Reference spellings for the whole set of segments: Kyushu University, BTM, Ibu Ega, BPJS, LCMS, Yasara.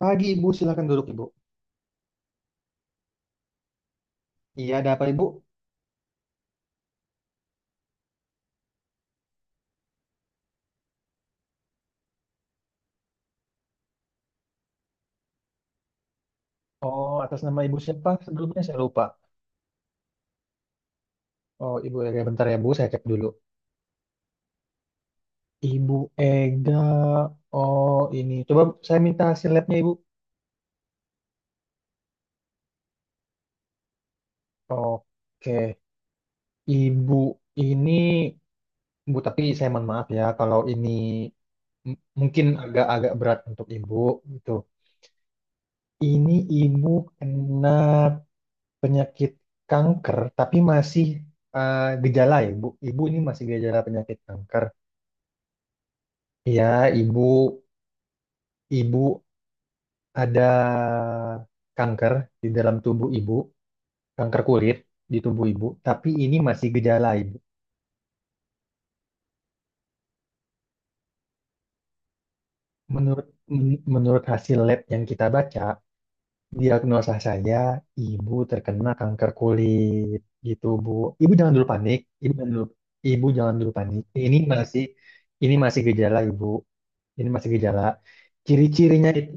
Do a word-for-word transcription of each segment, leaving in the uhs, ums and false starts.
Pagi Ibu, silakan duduk Ibu. Iya, ada apa Ibu? Oh, atas nama Ibu siapa? Sebelumnya saya lupa. Oh, Ibu Ega, bentar ya Bu, saya cek dulu. Ibu Ega, oh ini. Coba saya minta hasil labnya Ibu. Oke, Ibu ini, Bu, tapi saya mohon maaf ya kalau ini m- mungkin agak-agak berat untuk Ibu gitu. Ini Ibu kena penyakit kanker, tapi masih eh, gejala ya, Bu. Ibu ini masih gejala penyakit kanker. Ya, ibu ibu ada kanker di dalam tubuh ibu, kanker kulit di tubuh ibu, tapi ini masih gejala ibu. Menurut men- Menurut hasil lab yang kita baca, diagnosa saya ibu terkena kanker kulit gitu, Bu. Ibu jangan dulu panik, ibu jangan dulu, ibu jangan dulu panik. Ini masih ini masih gejala, Ibu. Ini masih gejala. Ciri-cirinya itu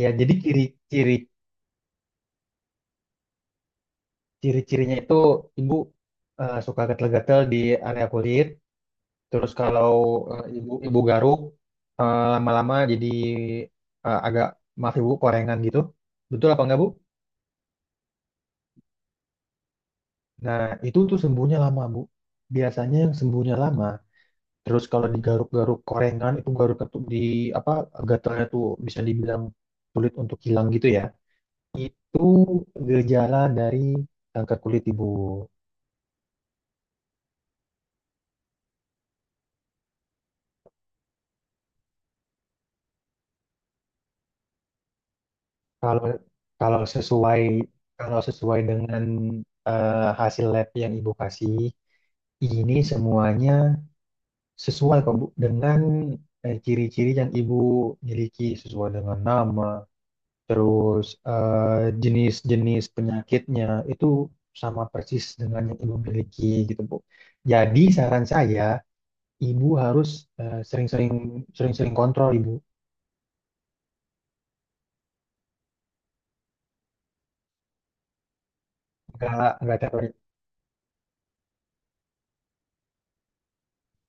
ya, jadi ciri-ciri Ciri-cirinya itu ibu eh, suka gatel-gatel di area kulit. Terus kalau eh, ibu ibu garuk eh, lama-lama jadi eh, agak maaf ibu korengan gitu. Betul apa enggak bu? Nah itu tuh sembuhnya lama bu. Biasanya yang sembuhnya lama. Terus kalau digaruk-garuk korengan itu garuk tuh di apa gatalnya tuh bisa dibilang sulit untuk hilang gitu ya. Itu gejala dari kanker kulit ibu. Kalau kalau sesuai Kalau sesuai dengan eh, hasil lab yang Ibu kasih, ini semuanya sesuai kok Bu dengan eh, ciri-ciri yang Ibu miliki sesuai dengan nama, terus eh, jenis-jenis penyakitnya itu sama persis dengan yang Ibu miliki gitu Bu. Jadi saran saya Ibu harus eh, sering-sering sering-sering kontrol Ibu. Enggak enggak tiap hari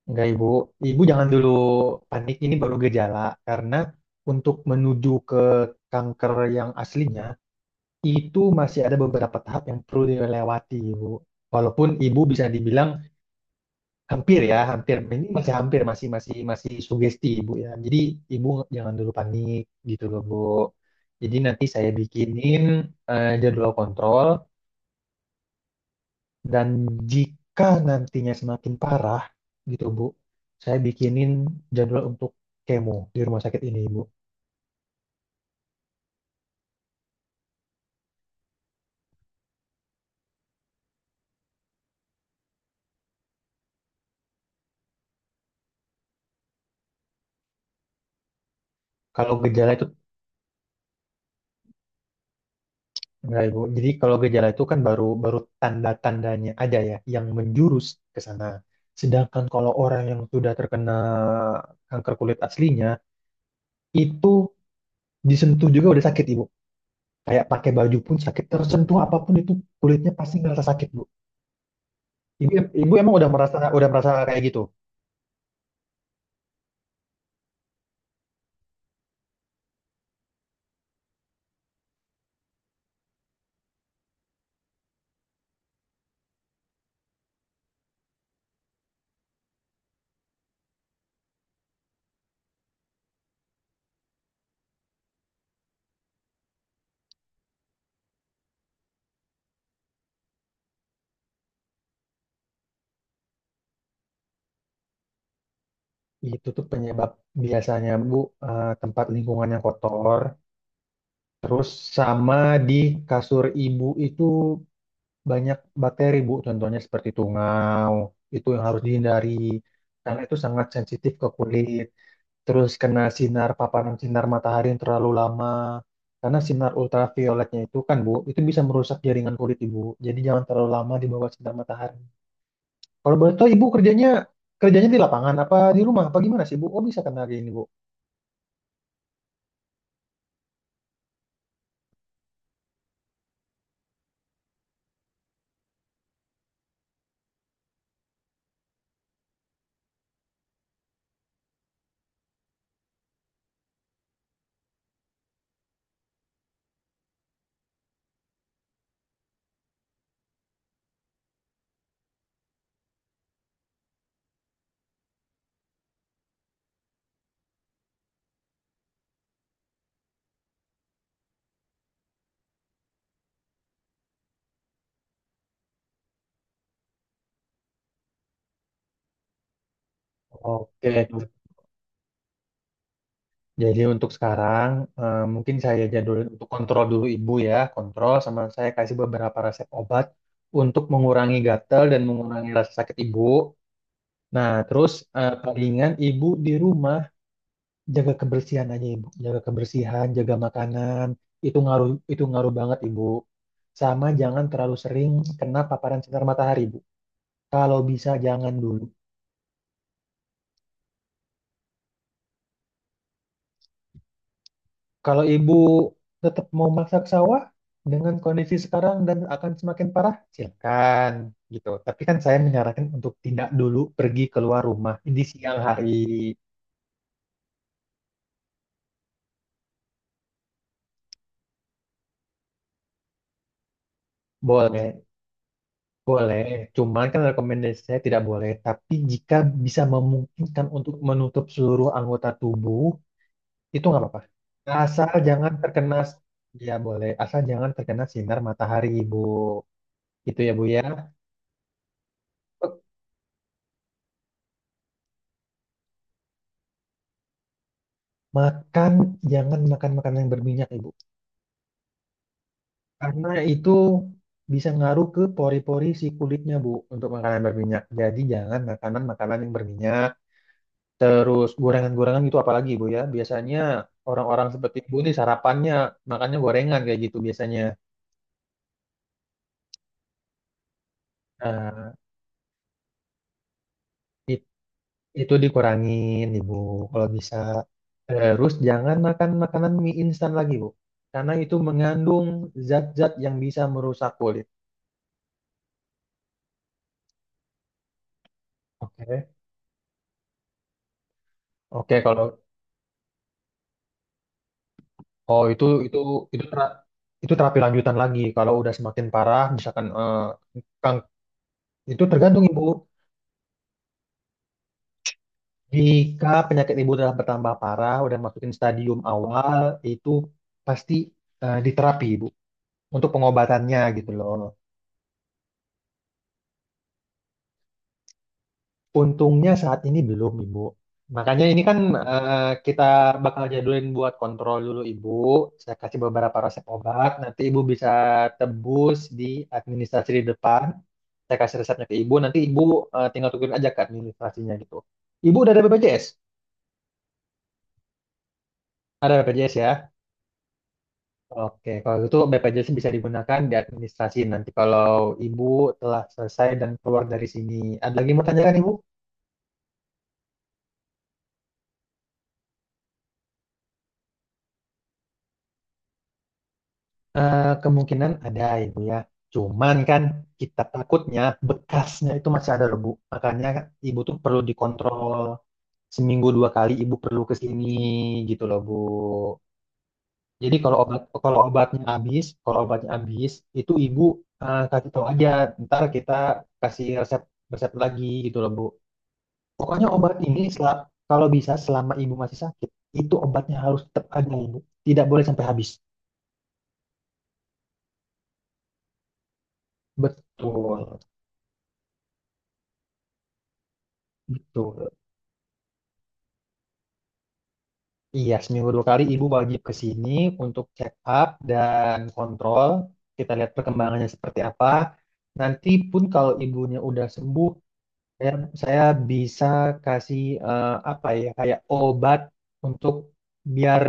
Enggak, Ibu. Ibu jangan dulu panik, ini baru gejala. Karena untuk menuju ke kanker yang aslinya, itu masih ada beberapa tahap yang perlu dilewati, Ibu. Walaupun Ibu bisa dibilang hampir ya, hampir. Ini masih hampir, masih masih masih sugesti, Ibu ya. Jadi Ibu jangan dulu panik gitu loh, Bu. Jadi nanti saya bikinin eh, jadwal kontrol. Dan jika nantinya semakin parah, gitu Bu, saya bikinin jadwal untuk kemo di rumah sakit ini Ibu. Kalau gejala itu Enggak Ibu. Jadi kalau gejala itu kan baru baru tanda-tandanya aja ya yang menjurus ke sana. Sedangkan kalau orang yang sudah terkena kanker kulit aslinya itu disentuh juga udah sakit Ibu. Kayak pakai baju pun sakit, tersentuh apapun itu kulitnya pasti ngerasa sakit Bu. Ibu, ibu emang udah merasa udah merasa kayak gitu. Itu tuh penyebab biasanya Bu eh, tempat lingkungannya kotor, terus sama di kasur ibu itu banyak bakteri Bu, contohnya seperti tungau, itu yang harus dihindari karena itu sangat sensitif ke kulit. Terus kena sinar paparan sinar matahari yang terlalu lama. Karena sinar ultravioletnya itu kan Bu, itu bisa merusak jaringan kulit Ibu. Jadi jangan terlalu lama di bawah sinar matahari. Kalau boleh tahu Ibu kerjanya Kerjanya di lapangan apa di rumah apa gimana sih Bu? Oh bisa kena kayak gini Bu? Oke, jadi untuk sekarang eh, mungkin saya jadulin untuk kontrol dulu ibu ya, kontrol sama saya kasih beberapa resep obat untuk mengurangi gatal dan mengurangi rasa sakit ibu. Nah, terus eh, palingan ibu di rumah jaga kebersihan aja ibu, jaga kebersihan, jaga makanan, itu ngaruh itu ngaruh banget ibu. Sama jangan terlalu sering kena paparan sinar matahari ibu. Kalau bisa jangan dulu, kalau ibu tetap mau masak sawah dengan kondisi sekarang dan akan semakin parah, silakan gitu. Tapi kan saya menyarankan untuk tidak dulu pergi keluar rumah di siang hari. Boleh, boleh. Cuman kan rekomendasi saya tidak boleh. Tapi jika bisa memungkinkan untuk menutup seluruh anggota tubuh, itu nggak apa-apa. Asal jangan terkena, ya boleh. Asal jangan terkena sinar matahari, Ibu. Itu ya, Bu ya. Makan, jangan makan makanan yang berminyak, Ibu. Karena itu bisa ngaruh ke pori-pori si kulitnya, Bu, untuk makanan berminyak. Jadi jangan makanan-makanan yang berminyak, terus gorengan-gorengan itu apalagi, Bu ya. Biasanya orang-orang seperti Bu ini sarapannya makannya gorengan kayak gitu biasanya. Nah, it- itu dikurangin, Ibu, kalau bisa. Terus jangan makan makanan mie instan lagi, Bu. Karena itu mengandung zat-zat yang bisa merusak kulit. Oke. Oke, kalau Oh itu itu itu tera- itu terapi lanjutan lagi kalau udah semakin parah misalkan eh, kang itu tergantung ibu jika penyakit ibu telah bertambah parah udah masukin stadium awal itu pasti eh, diterapi ibu untuk pengobatannya gitu loh. Untungnya saat ini belum, Ibu. Makanya ini kan eh, kita bakal jadulin buat kontrol dulu, Ibu. Saya kasih beberapa resep obat, nanti Ibu bisa tebus di administrasi di depan. Saya kasih resepnya ke Ibu, nanti Ibu eh, tinggal tukerin aja ke administrasinya gitu. Ibu udah ada B P J S? Ada B P J S ya? Oke, kalau gitu B P J S bisa digunakan di administrasi nanti kalau Ibu telah selesai dan keluar dari sini. Ada lagi yang mau tanyakan, Ibu? Eh, kemungkinan ada ibu ya. Cuman kan kita takutnya bekasnya itu masih ada loh Bu. Makanya ibu tuh perlu dikontrol seminggu dua kali ibu perlu ke sini gitu loh Bu. Jadi kalau obat kalau obatnya habis, kalau obatnya habis itu ibu eh, kasih tahu aja. Ntar kita kasih resep resep lagi gitu loh Bu. Pokoknya obat ini sel- kalau bisa selama ibu masih sakit itu obatnya harus tetap ada ibu. Tidak boleh sampai habis. Betul, betul. Iya, seminggu dua kali ibu wajib ke sini untuk check up dan kontrol. Kita lihat perkembangannya seperti apa. Nanti pun kalau ibunya udah sembuh, saya, saya bisa kasih eh, apa ya, kayak obat untuk biar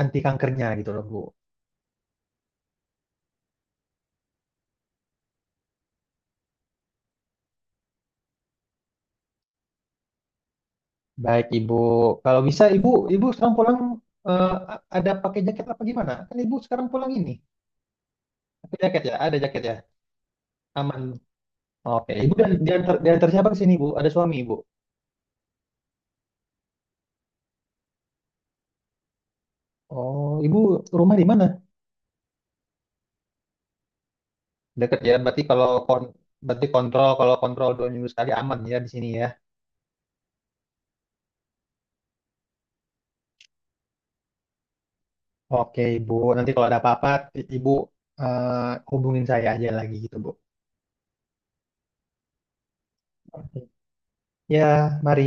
anti kankernya gitu loh, Bu. Baik, Ibu. Kalau bisa, Ibu, Ibu sekarang pulang eh, a- ada pakai jaket apa gimana? Kan Ibu sekarang pulang ini. Pakai jaket ya? Ada jaket ya? Aman. Oke, Ibu dan diantar, diantar siapa ke sini, Bu? Ada suami, Ibu? Oh, ibu rumah di mana? Dekat ya, berarti kalau kon Berarti kontrol kalau kontrol dua minggu sekali aman ya di sini ya. Oke, ibu. Nanti kalau ada apa-apa, i- ibu eh, hubungin saya aja lagi gitu, bu. Oke. Ya, mari.